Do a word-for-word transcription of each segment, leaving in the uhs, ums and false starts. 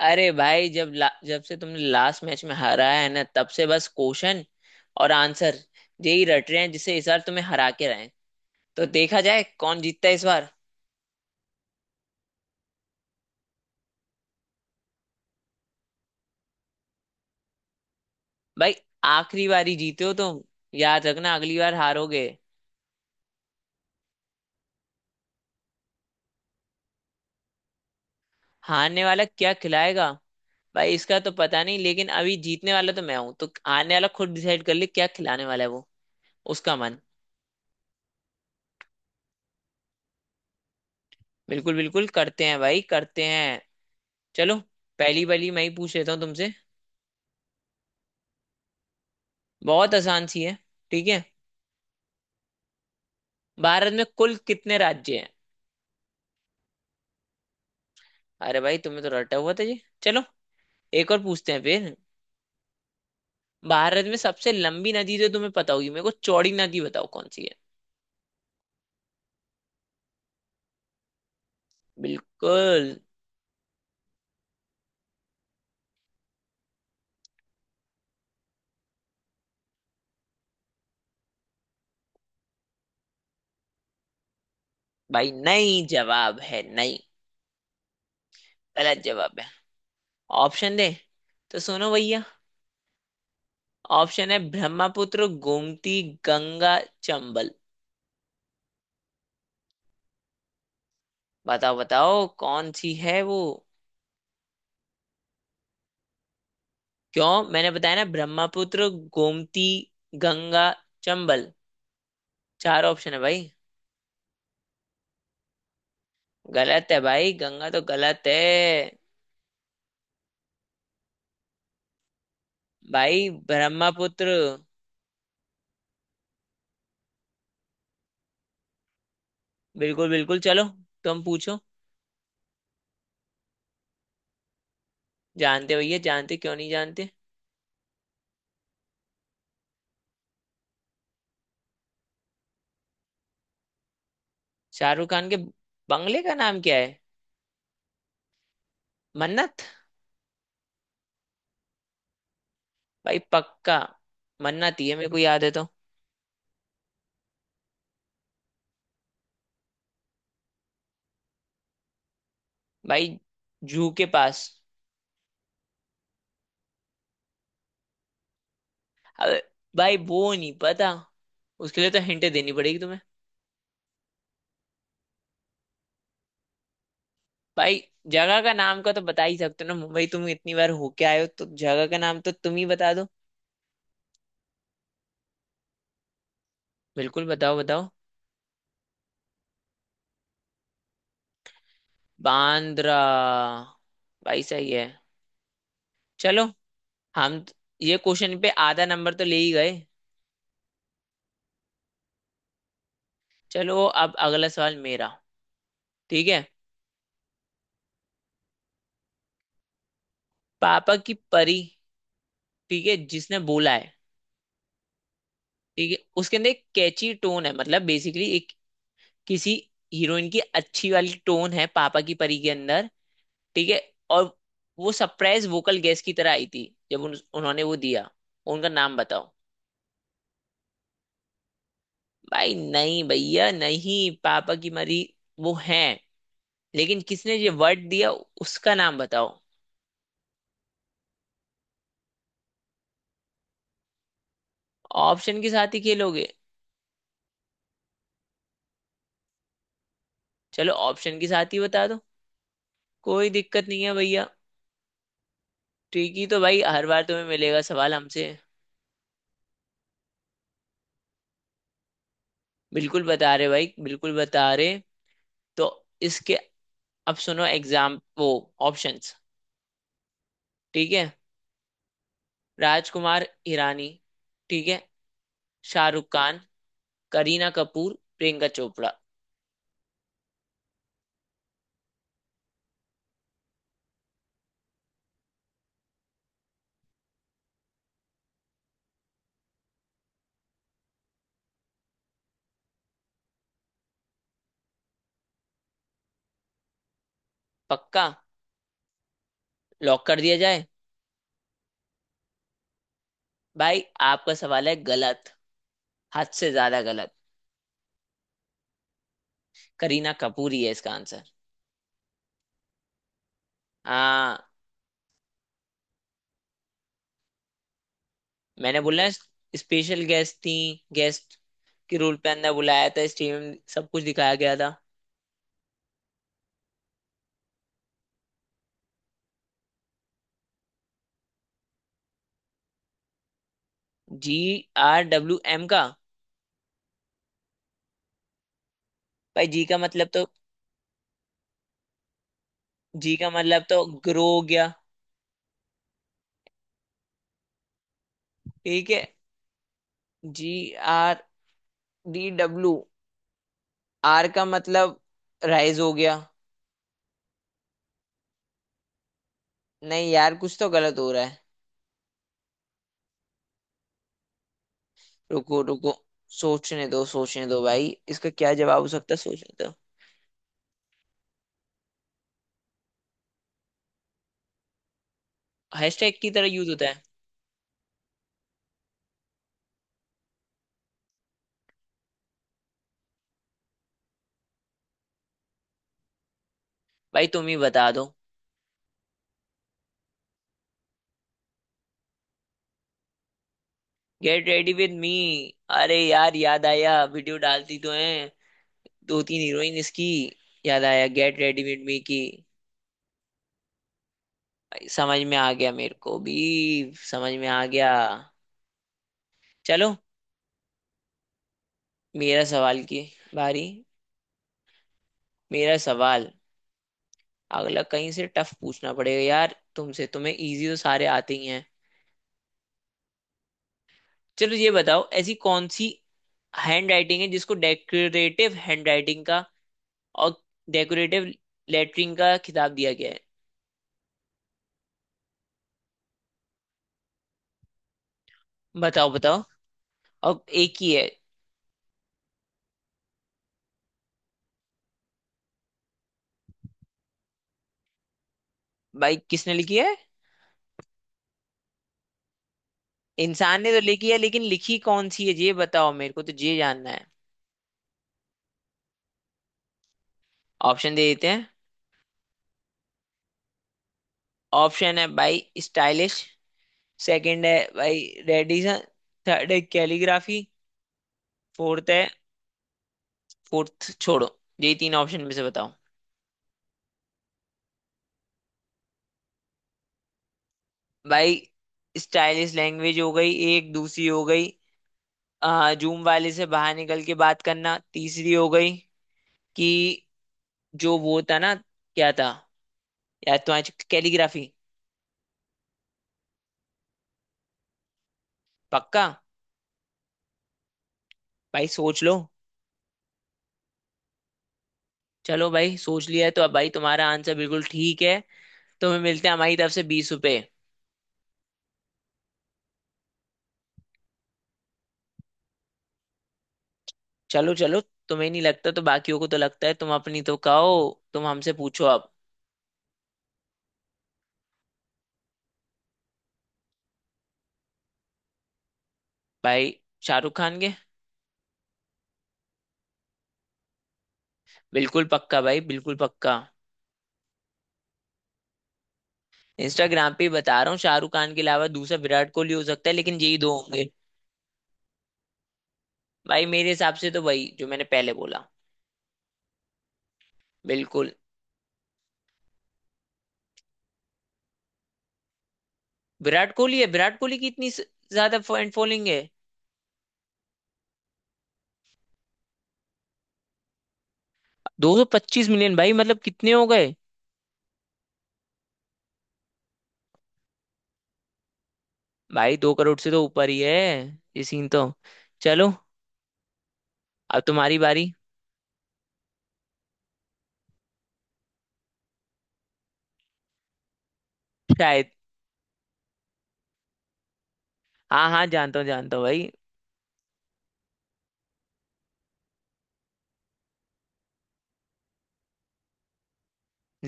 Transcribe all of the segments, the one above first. अरे भाई जब ला, जब से तुमने लास्ट मैच में हारा है ना, तब से बस क्वेश्चन और आंसर यही रट रहे हैं जिससे इस बार तुम्हें हरा के रहे हैं। तो देखा जाए कौन जीतता है इस बार। भाई आखिरी बारी जीते हो तुम, याद रखना अगली बार हारोगे। हारने वाला क्या खिलाएगा? भाई इसका तो पता नहीं, लेकिन अभी जीतने वाला तो मैं हूं, तो हारने वाला खुद डिसाइड कर ले क्या खिलाने वाला है वो, उसका मन। बिल्कुल बिल्कुल, करते हैं भाई, करते हैं। चलो, पहली वाली मैं ही पूछ लेता हूँ तुमसे। बहुत आसान सी है, ठीक है? भारत में कुल कितने राज्य हैं? अरे भाई, तुम्हें तो रटा हुआ था जी। चलो एक और पूछते हैं फिर। भारत में सबसे लंबी नदी तो तुम्हें पता होगी, मेरे को चौड़ी नदी बताओ कौन सी है। बिल्कुल। भाई नहीं, जवाब है नहीं, गलत जवाब है। ऑप्शन दे? तो सुनो भैया, ऑप्शन है ब्रह्मपुत्र, गोमती, गंगा, चंबल। बताओ बताओ कौन सी है वो। क्यों, मैंने बताया ना, ब्रह्मपुत्र, गोमती, गंगा, चंबल, चार ऑप्शन है भाई। गलत है भाई, गंगा तो गलत है। भाई ब्रह्मपुत्र। बिल्कुल बिल्कुल, चलो तुम पूछो। जानते भैया, जानते क्यों नहीं जानते। शाहरुख खान के बंगले का नाम क्या है? मन्नत। भाई पक्का, मन्नत ही है, मेरे को याद है तो। भाई जू के पास। अबे भाई वो नहीं पता, उसके लिए तो हिंट देनी पड़ेगी तुम्हें। भाई जगह का नाम का तो बता ही सकते हो ना, मुंबई तुम इतनी बार होके आए हो, तो जगह का नाम तो तुम ही बता दो। बिल्कुल बताओ बताओ। बांद्रा। भाई सही है। चलो, हम त- ये क्वेश्चन पे आधा नंबर तो ले ही गए। चलो अब अगला सवाल मेरा, ठीक है। पापा की परी, ठीक है जिसने बोला है, ठीक है, उसके अंदर एक कैची टोन है, मतलब बेसिकली एक किसी हीरोइन की अच्छी वाली टोन है पापा की परी के अंदर, ठीक है। और वो सरप्राइज वोकल गेस्ट की तरह आई थी, जब उन, उन्होंने वो दिया। उनका नाम बताओ। भाई नहीं, भैया नहीं। पापा की मरी वो है, लेकिन किसने ये वर्ड दिया, उसका नाम बताओ। ऑप्शन के साथ ही खेलोगे? चलो ऑप्शन के साथ ही बता दो, कोई दिक्कत नहीं है भैया। ट्रिकी तो भाई हर बार तुम्हें मिलेगा सवाल हमसे। बिल्कुल बता रहे भाई, बिल्कुल बता रहे। तो इसके, अब सुनो एग्जाम वो, ऑप्शंस, ठीक है। राजकुमार हिरानी, ठीक है। शाहरुख खान, करीना कपूर, प्रियंका चोपड़ा। पक्का? लॉक कर दिया जाए? भाई आपका सवाल है गलत, हद से ज्यादा गलत। करीना कपूर ही है इसका आंसर। आ, मैंने बोला स्पेशल गेस्ट थी, गेस्ट के रोल पे अंदर बुलाया था, स्टेडियम सब कुछ दिखाया गया था। जी आर डब्ल्यू एम का? भाई जी का मतलब तो, जी का मतलब तो ग्रो हो गया। ठीक है। G R D W, R का मतलब राइज हो गया। नहीं यार, कुछ तो गलत हो रहा है। रुको रुको, सोचने दो सोचने दो भाई, इसका क्या जवाब हो सकता है, सोचने दो। हैशटैग की तरह यूज होता है? भाई तुम ही बता दो। Get ready with me. अरे यार याद आया, वीडियो डालती तो है दो तीन हीरोइन इसकी। याद आया गेट रेडी विद मी की। समझ में आ गया मेरे को भी, समझ में आ गया। चलो मेरा सवाल की बारी, मेरा सवाल। अगला कहीं से टफ पूछना पड़ेगा यार तुमसे, तुम्हें इजी तो सारे आते ही हैं। चलो ये बताओ, ऐसी कौन सी हैंड राइटिंग है जिसको डेकोरेटिव हैंड राइटिंग का और डेकोरेटिव लेटरिंग का खिताब दिया गया है। बताओ बताओ। अब एक ही है। भाई किसने लिखी है? इंसान ने तो लिखी है, लेकिन लिखी कौन सी है ये बताओ, मेरे को तो ये जानना है। ऑप्शन दे देते हैं। ऑप्शन है भाई स्टाइलिश, सेकंड है भाई रेडिसन, थर्ड है कैलीग्राफी, फोर्थ है, फोर्थ छोड़ो, यही तीन ऑप्शन में से बताओ। भाई स्टाइलिश लैंग्वेज हो गई एक, दूसरी हो गई आ, जूम वाले से बाहर निकल के बात करना, तीसरी हो गई कि जो वो था ना क्या था, यार तुम्हारी कैलीग्राफी। पक्का? भाई सोच लो। चलो भाई, सोच लिया है तो अब, भाई तुम्हारा आंसर बिल्कुल ठीक है। तुम्हें मिलते हैं हमारी तरफ से बीस रुपए। चलो चलो, तुम्हें नहीं लगता तो बाकियों को तो लगता है, तुम अपनी तो खाओ। तुम हमसे पूछो अब। भाई शाहरुख खान के। बिल्कुल पक्का भाई, बिल्कुल पक्का। इंस्टाग्राम पे ही बता रहा हूँ, शाहरुख खान के अलावा दूसरा विराट कोहली हो सकता है, लेकिन यही दो होंगे। भाई मेरे हिसाब से तो वही जो मैंने पहले बोला। बिल्कुल। विराट कोहली है, विराट कोहली की इतनी स- ज्यादा फैन फॉलोइंग है। दो सौ पच्चीस मिलियन भाई मतलब कितने हो गए? भाई दो करोड़ से तो ऊपर ही है ये सीन तो। चलो अब तुम्हारी बारी। शायद। हाँ हाँ जानता हूँ, जानता हूँ भाई।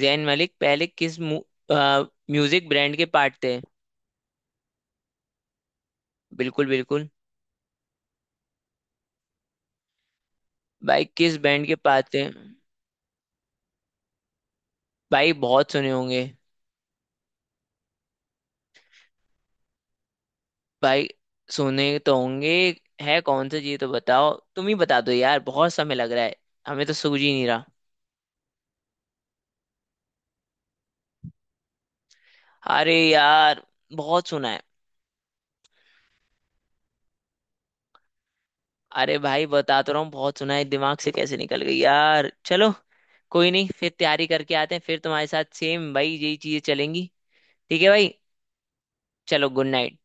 जैन मलिक पहले किस मु, अ, म्यूजिक ब्रांड के पार्ट थे? बिल्कुल बिल्कुल। भाई किस बैंड के पार्ट थे? भाई बहुत सुने होंगे। भाई सुने तो होंगे, है कौन सा ये तो बताओ, तुम ही बता दो यार, बहुत समय लग रहा है, हमें तो सूझ ही नहीं रहा। अरे यार बहुत सुना है। अरे भाई बता तो रहा हूँ बहुत सुना है, दिमाग से कैसे निकल गई यार। चलो कोई नहीं, फिर तैयारी करके आते हैं, फिर तुम्हारे साथ सेम भाई यही चीजें चलेंगी। ठीक है भाई। चलो गुड नाइट।